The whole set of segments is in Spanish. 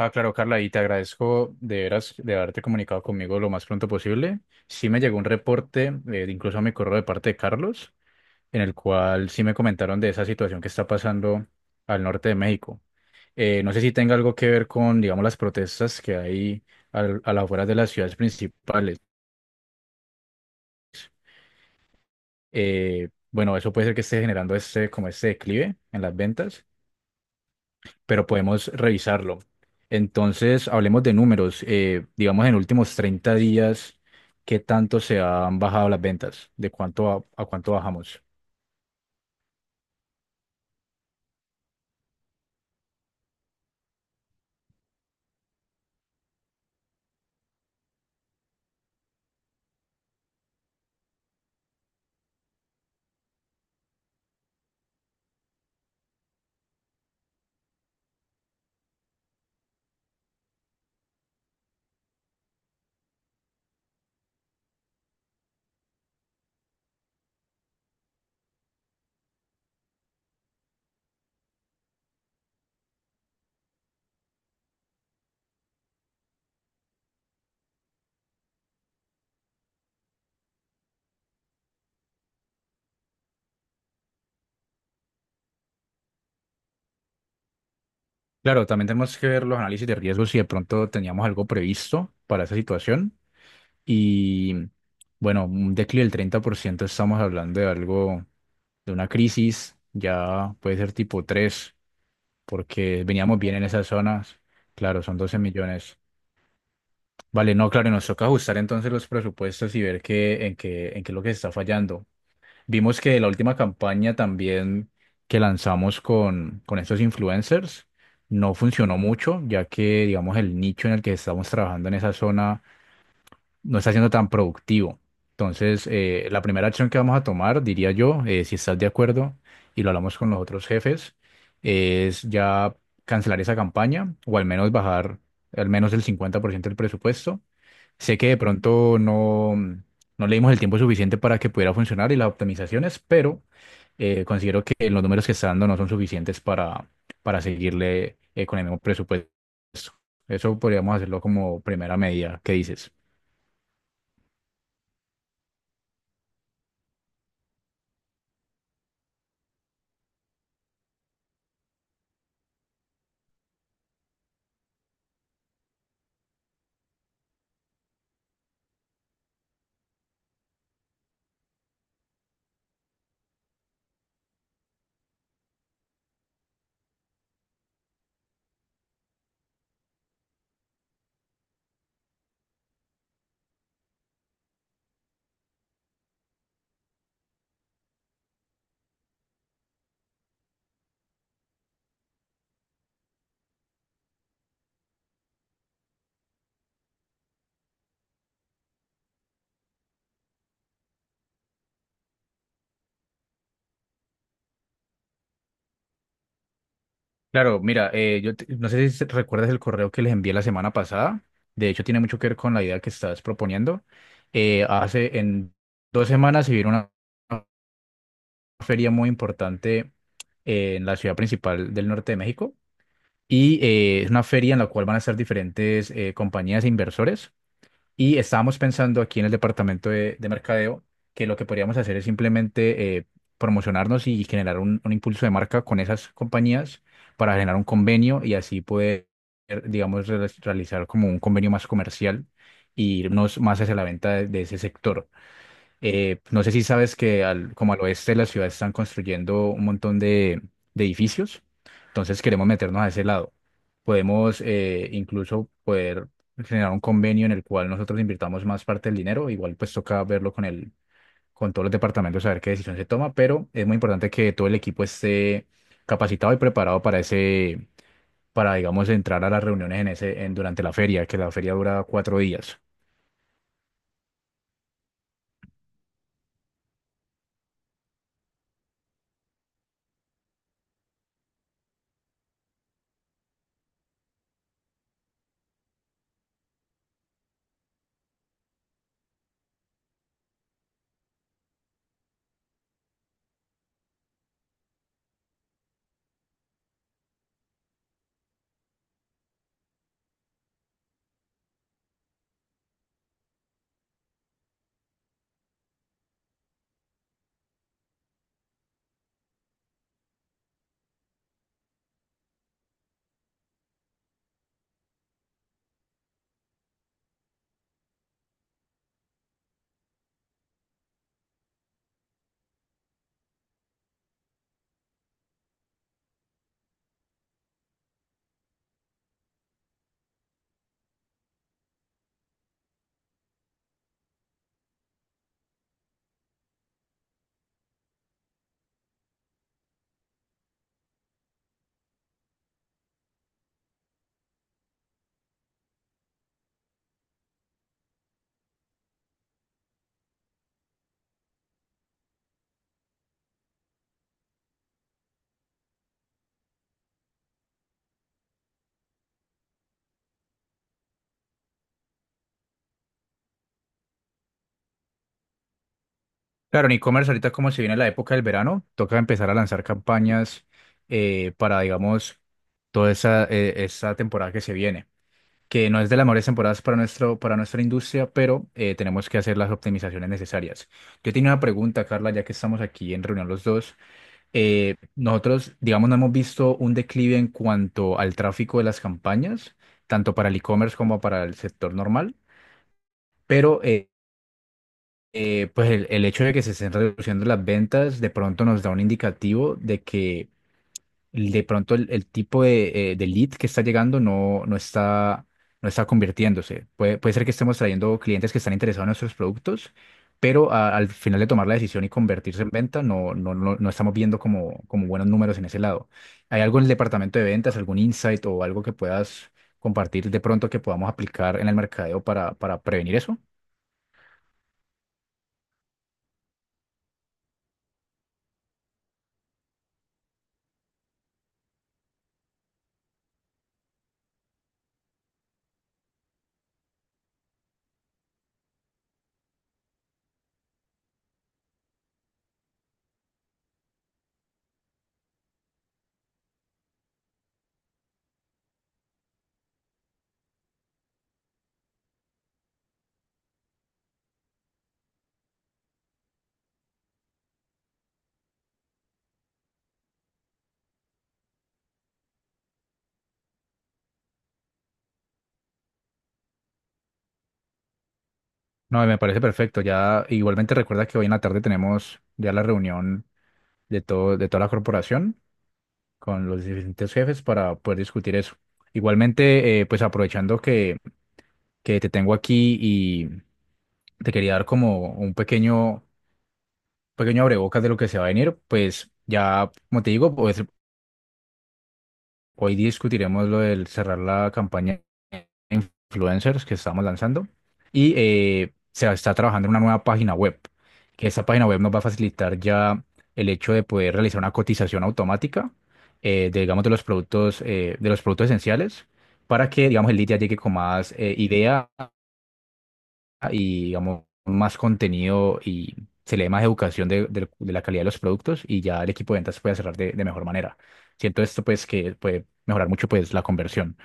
Ah, claro, Carla, y te agradezco de veras de haberte comunicado conmigo lo más pronto posible. Sí me llegó un reporte, incluso a mi correo de parte de Carlos, en el cual sí me comentaron de esa situación que está pasando al norte de México. No sé si tenga algo que ver con, digamos, las protestas que hay a las afueras de las ciudades principales. Bueno, eso puede ser que esté generando este, como este declive en las ventas, pero podemos revisarlo. Entonces, hablemos de números. Digamos, en últimos 30 días, ¿qué tanto se han bajado las ventas? ¿De cuánto a cuánto bajamos? Claro, también tenemos que ver los análisis de riesgos si de pronto teníamos algo previsto para esa situación. Y bueno, un declive del 30%, estamos hablando de algo, de una crisis, ya puede ser tipo 3 porque veníamos bien en esas zonas. Claro, son 12 millones. Vale, no, claro, y nos toca ajustar entonces los presupuestos y ver qué, en qué es lo que se está fallando. Vimos que la última campaña también que lanzamos con estos influencers no funcionó mucho, ya que, digamos, el nicho en el que estamos trabajando en esa zona no está siendo tan productivo. Entonces, la primera acción que vamos a tomar, diría yo, si estás de acuerdo y lo hablamos con los otros jefes, es ya cancelar esa campaña o al menos bajar al menos el 50% del presupuesto. Sé que de pronto no le dimos el tiempo suficiente para que pudiera funcionar y las optimizaciones, pero considero que los números que está dando no son suficientes para seguirle con el mismo presupuesto. Eso podríamos hacerlo como primera medida. ¿Qué dices? Claro, mira, no sé si recuerdas el correo que les envié la semana pasada. De hecho, tiene mucho que ver con la idea que estás proponiendo. Hace en 2 semanas se vino una feria muy importante en la ciudad principal del norte de México. Y es una feria en la cual van a estar diferentes compañías e inversores. Y estábamos pensando aquí en el departamento de mercadeo, que lo que podríamos hacer es simplemente promocionarnos y generar un impulso de marca con esas compañías para generar un convenio y así poder, digamos, realizar como un convenio más comercial e irnos más hacia la venta de ese sector. No sé si sabes que al, como al oeste de la ciudad están construyendo un montón de edificios, entonces queremos meternos a ese lado. Podemos incluso poder generar un convenio en el cual nosotros invirtamos más parte del dinero, igual pues toca verlo con con todos los departamentos a ver qué decisión se toma, pero es muy importante que todo el equipo esté capacitado y preparado para para digamos entrar a las reuniones en durante la feria, que la feria dura 4 días. Claro, en e-commerce ahorita como se viene la época del verano, toca empezar a lanzar campañas para, digamos, toda esa temporada que se viene, que no es de las mejores temporadas para, para nuestra industria, pero tenemos que hacer las optimizaciones necesarias. Yo tenía una pregunta, Carla, ya que estamos aquí en reunión los dos. Nosotros, digamos, no hemos visto un declive en cuanto al tráfico de las campañas, tanto para el e-commerce como para el sector normal, pero... pues el hecho de que se estén reduciendo las ventas de pronto nos da un indicativo de que de pronto el tipo de lead que está llegando no está, no está convirtiéndose. Puede ser que estemos trayendo clientes que están interesados en nuestros productos, pero al final de tomar la decisión y convertirse en venta no estamos viendo como, como buenos números en ese lado. ¿Hay algo en el departamento de ventas, algún insight o algo que puedas compartir de pronto que podamos aplicar en el mercadeo para prevenir eso? No, me parece perfecto. Ya igualmente recuerda que hoy en la tarde tenemos ya la reunión de todo, de toda la corporación con los diferentes jefes para poder discutir eso. Igualmente, pues aprovechando que te tengo aquí y te quería dar como un pequeño abrebocas de lo que se va a venir, pues ya, como te digo, pues hoy discutiremos lo del cerrar la campaña de influencers que estamos lanzando, y se está trabajando en una nueva página web, que esa página web nos va a facilitar ya el hecho de poder realizar una cotización automática digamos, de los productos esenciales, para que, digamos, el lead ya llegue con más idea y digamos más contenido y se le dé más educación de la calidad de los productos y ya el equipo de ventas puede cerrar de mejor manera. Siento esto pues que puede mejorar mucho pues la conversión.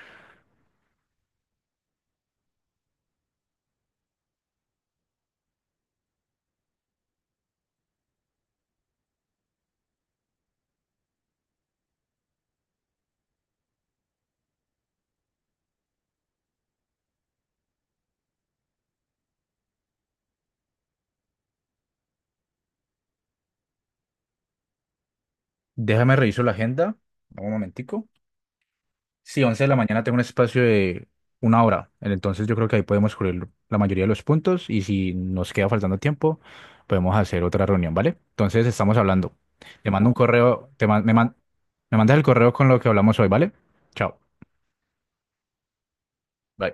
Déjame reviso la agenda, dame un momentico. Sí, 11 de la mañana tengo un espacio de una hora, entonces yo creo que ahí podemos cubrir la mayoría de los puntos y si nos queda faltando tiempo podemos hacer otra reunión, ¿vale? Entonces estamos hablando. Te mando un correo, te man- me mandas el correo con lo que hablamos hoy, ¿vale? Chao. Bye.